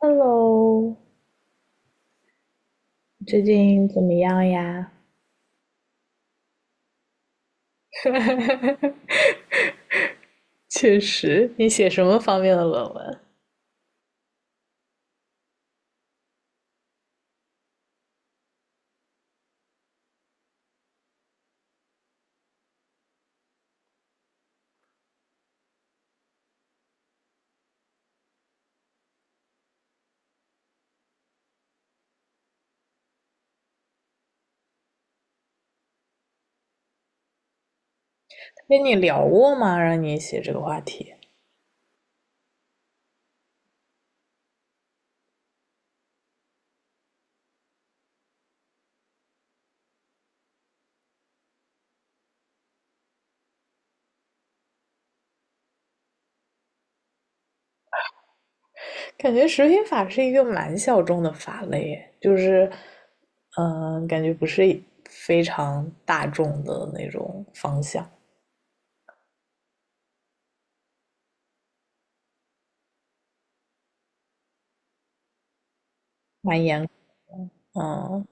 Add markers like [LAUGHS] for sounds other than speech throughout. Hello，最近怎么样呀？确实，你写什么方面的论文？跟你聊过吗？让你写这个话题，感觉食品法是一个蛮小众的法类就是，感觉不是非常大众的那种方向，蛮严，嗯。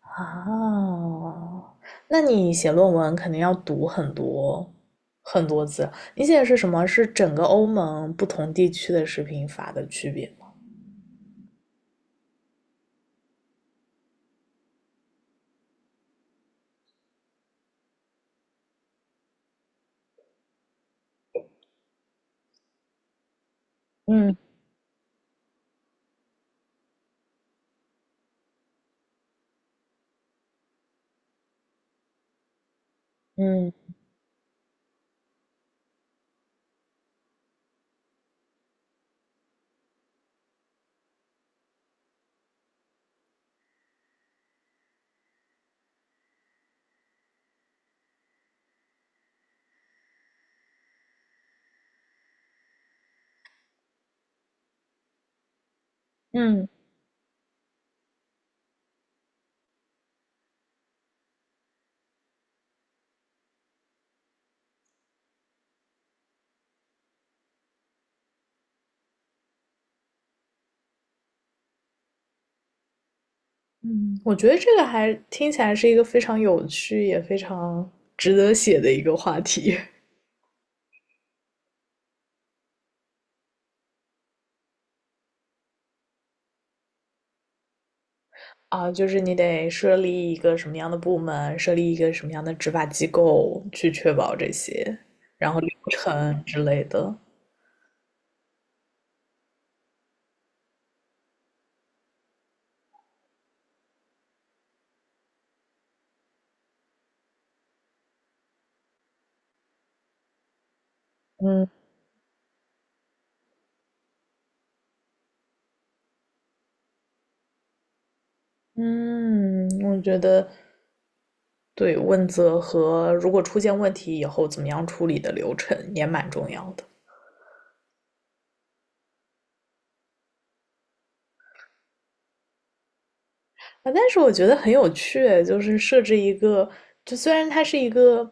啊，那你写论文肯定要读很多很多字。你写的是什么？是整个欧盟不同地区的食品法的区别。嗯嗯嗯嗯，我觉得这个还听起来是一个非常有趣，也非常值得写的一个话题。 [LAUGHS] 啊，就是你得设立一个什么样的部门，设立一个什么样的执法机构去确保这些，然后流程之类的。嗯嗯，我觉得对问责和如果出现问题以后怎么样处理的流程也蛮重要的。啊，但是我觉得很有趣，就是设置一个，就虽然它是一个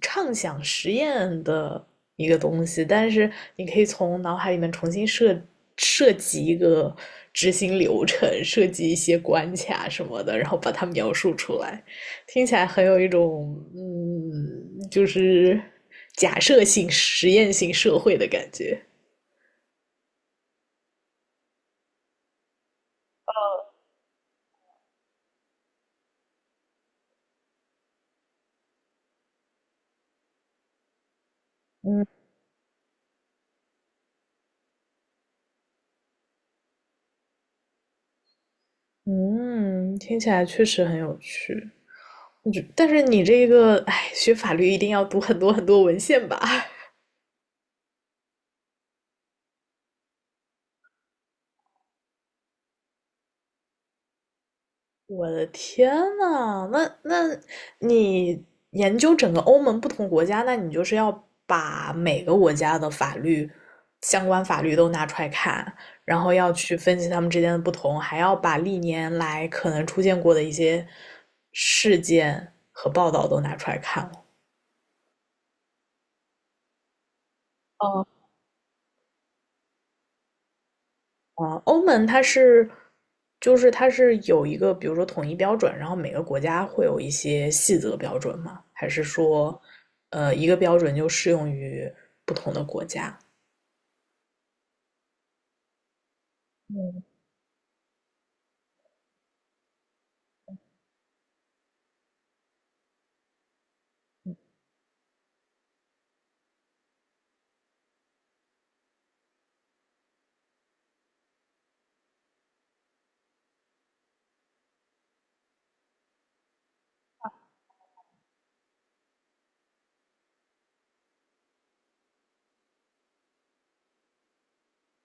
畅想实验的一个东西，但是你可以从脑海里面重新设计一个执行流程，设计一些关卡什么的，然后把它描述出来，听起来很有一种就是假设性、实验性社会的感觉。嗯，听起来确实很有趣。但是你这个，哎，学法律一定要读很多很多文献吧？我的天呐，那你研究整个欧盟不同国家，那你就是要把每个国家的法律相关法律都拿出来看，然后要去分析他们之间的不同，还要把历年来可能出现过的一些事件和报道都拿出来看了。啊，欧盟它是，就是它是有一个，比如说统一标准，然后每个国家会有一些细则标准吗？还是说，一个标准就适用于不同的国家？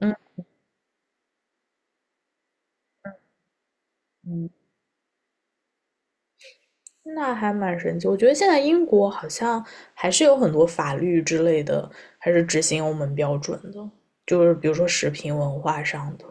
嗯嗯，那还蛮神奇。我觉得现在英国好像还是有很多法律之类的，还是执行欧盟标准的，就是比如说食品文化上的，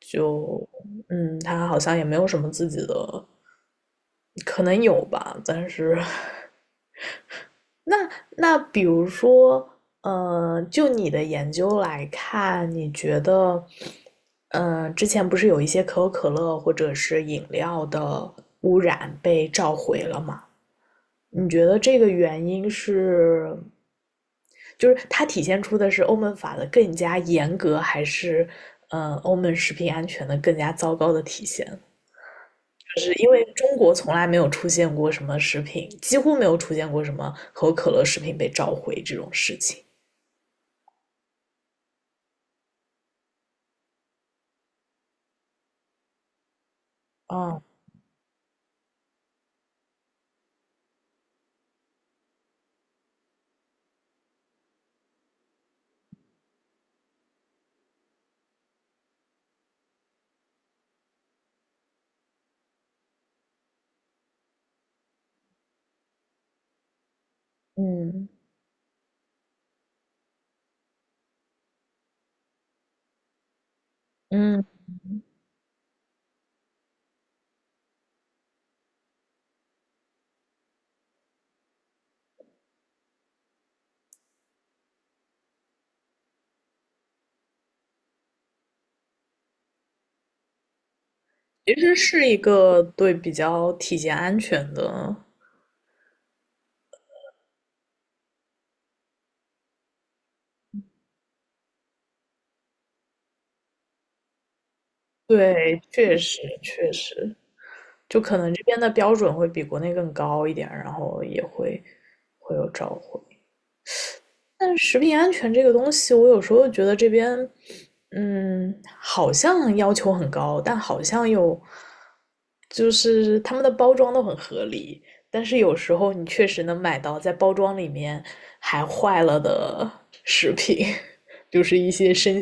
就它好像也没有什么自己的，可能有吧，但是 [LAUGHS] 那比如说，就你的研究来看，你觉得，之前不是有一些可口可乐或者是饮料的污染被召回了吗？你觉得这个原因是，就是它体现出的是欧盟法的更加严格，还是欧盟食品安全的更加糟糕的体现？就是因为中国从来没有出现过什么食品，几乎没有出现过什么可口可乐食品被召回这种事情。哦，嗯嗯，其实是一个对比较体检安全的，对，确实确实，就可能这边的标准会比国内更高一点，然后也会有召回。但是食品安全这个东西，我有时候觉得这边，好像要求很高，但好像又就是他们的包装都很合理，但是有时候你确实能买到在包装里面还坏了的食品，[LAUGHS] 就是一些生，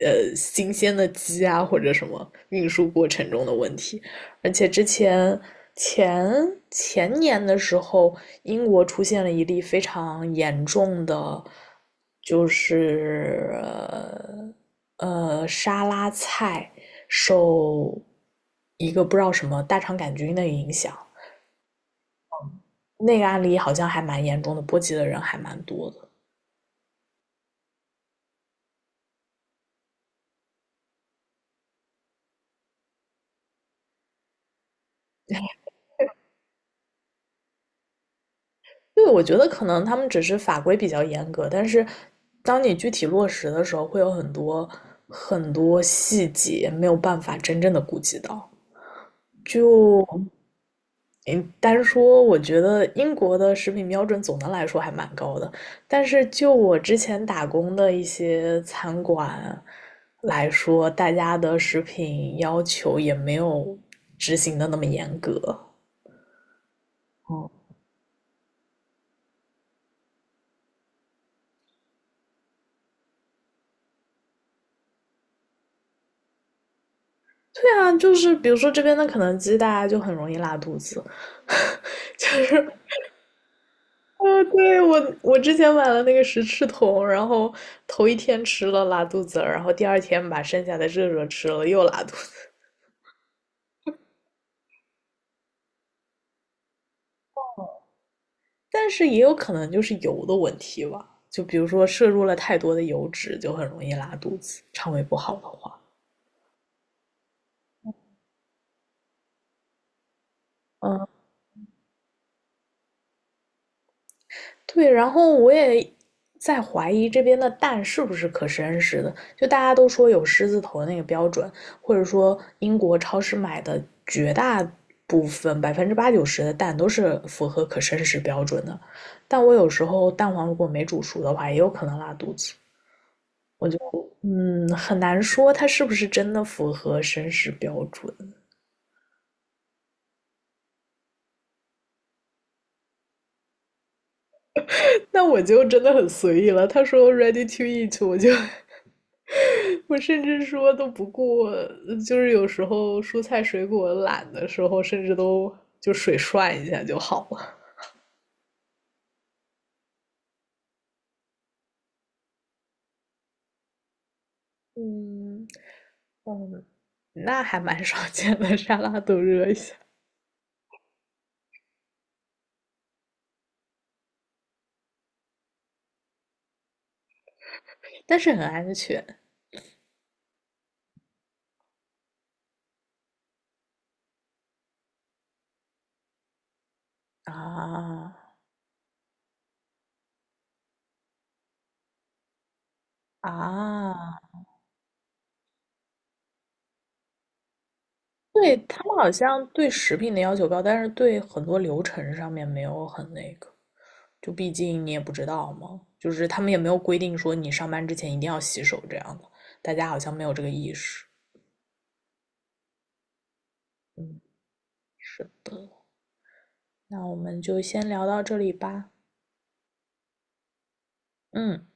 新鲜的鸡啊或者什么运输过程中的问题。而且之前前前年的时候，英国出现了一例非常严重的，就是沙拉菜受一个不知道什么大肠杆菌的影响，那个案例好像还蛮严重的，波及的人还蛮多的。因为我觉得可能他们只是法规比较严格，但是当你具体落实的时候，会有很多很多细节没有办法真正的顾及到。嗯，单说我觉得英国的食品标准总的来说还蛮高的，但是就我之前打工的一些餐馆来说，大家的食品要求也没有执行的那么严格。嗯，对啊，就是比如说这边的肯德基，大家就很容易拉肚子，[LAUGHS] 就是，对，我之前买了那个十翅桶，然后头一天吃了拉肚子，然后第二天把剩下的热热吃了又拉肚但是也有可能就是油的问题吧。就比如说摄入了太多的油脂，就很容易拉肚子，肠胃不好的话。嗯，对，然后我也在怀疑这边的蛋是不是可生食的，就大家都说有狮子头那个标准，或者说英国超市买的绝大部分80%-90%的蛋都是符合可生食标准的，但我有时候蛋黄如果没煮熟的话，也有可能拉肚子。嗯，很难说他是不是真的符合绅士标准。[LAUGHS] 那我就真的很随意了。他说 ready to eat，我就 [LAUGHS] 我甚至说都不顾，就是有时候蔬菜水果懒的时候，甚至都就水涮一下就好了。嗯嗯，那还蛮少见的，沙拉都热一下，但是很安全啊啊。对，他们好像对食品的要求高，但是对很多流程上面没有很那个，就毕竟你也不知道嘛，就是他们也没有规定说你上班之前一定要洗手这样的，大家好像没有这个意识。嗯，是的，那我们就先聊到这里吧。嗯。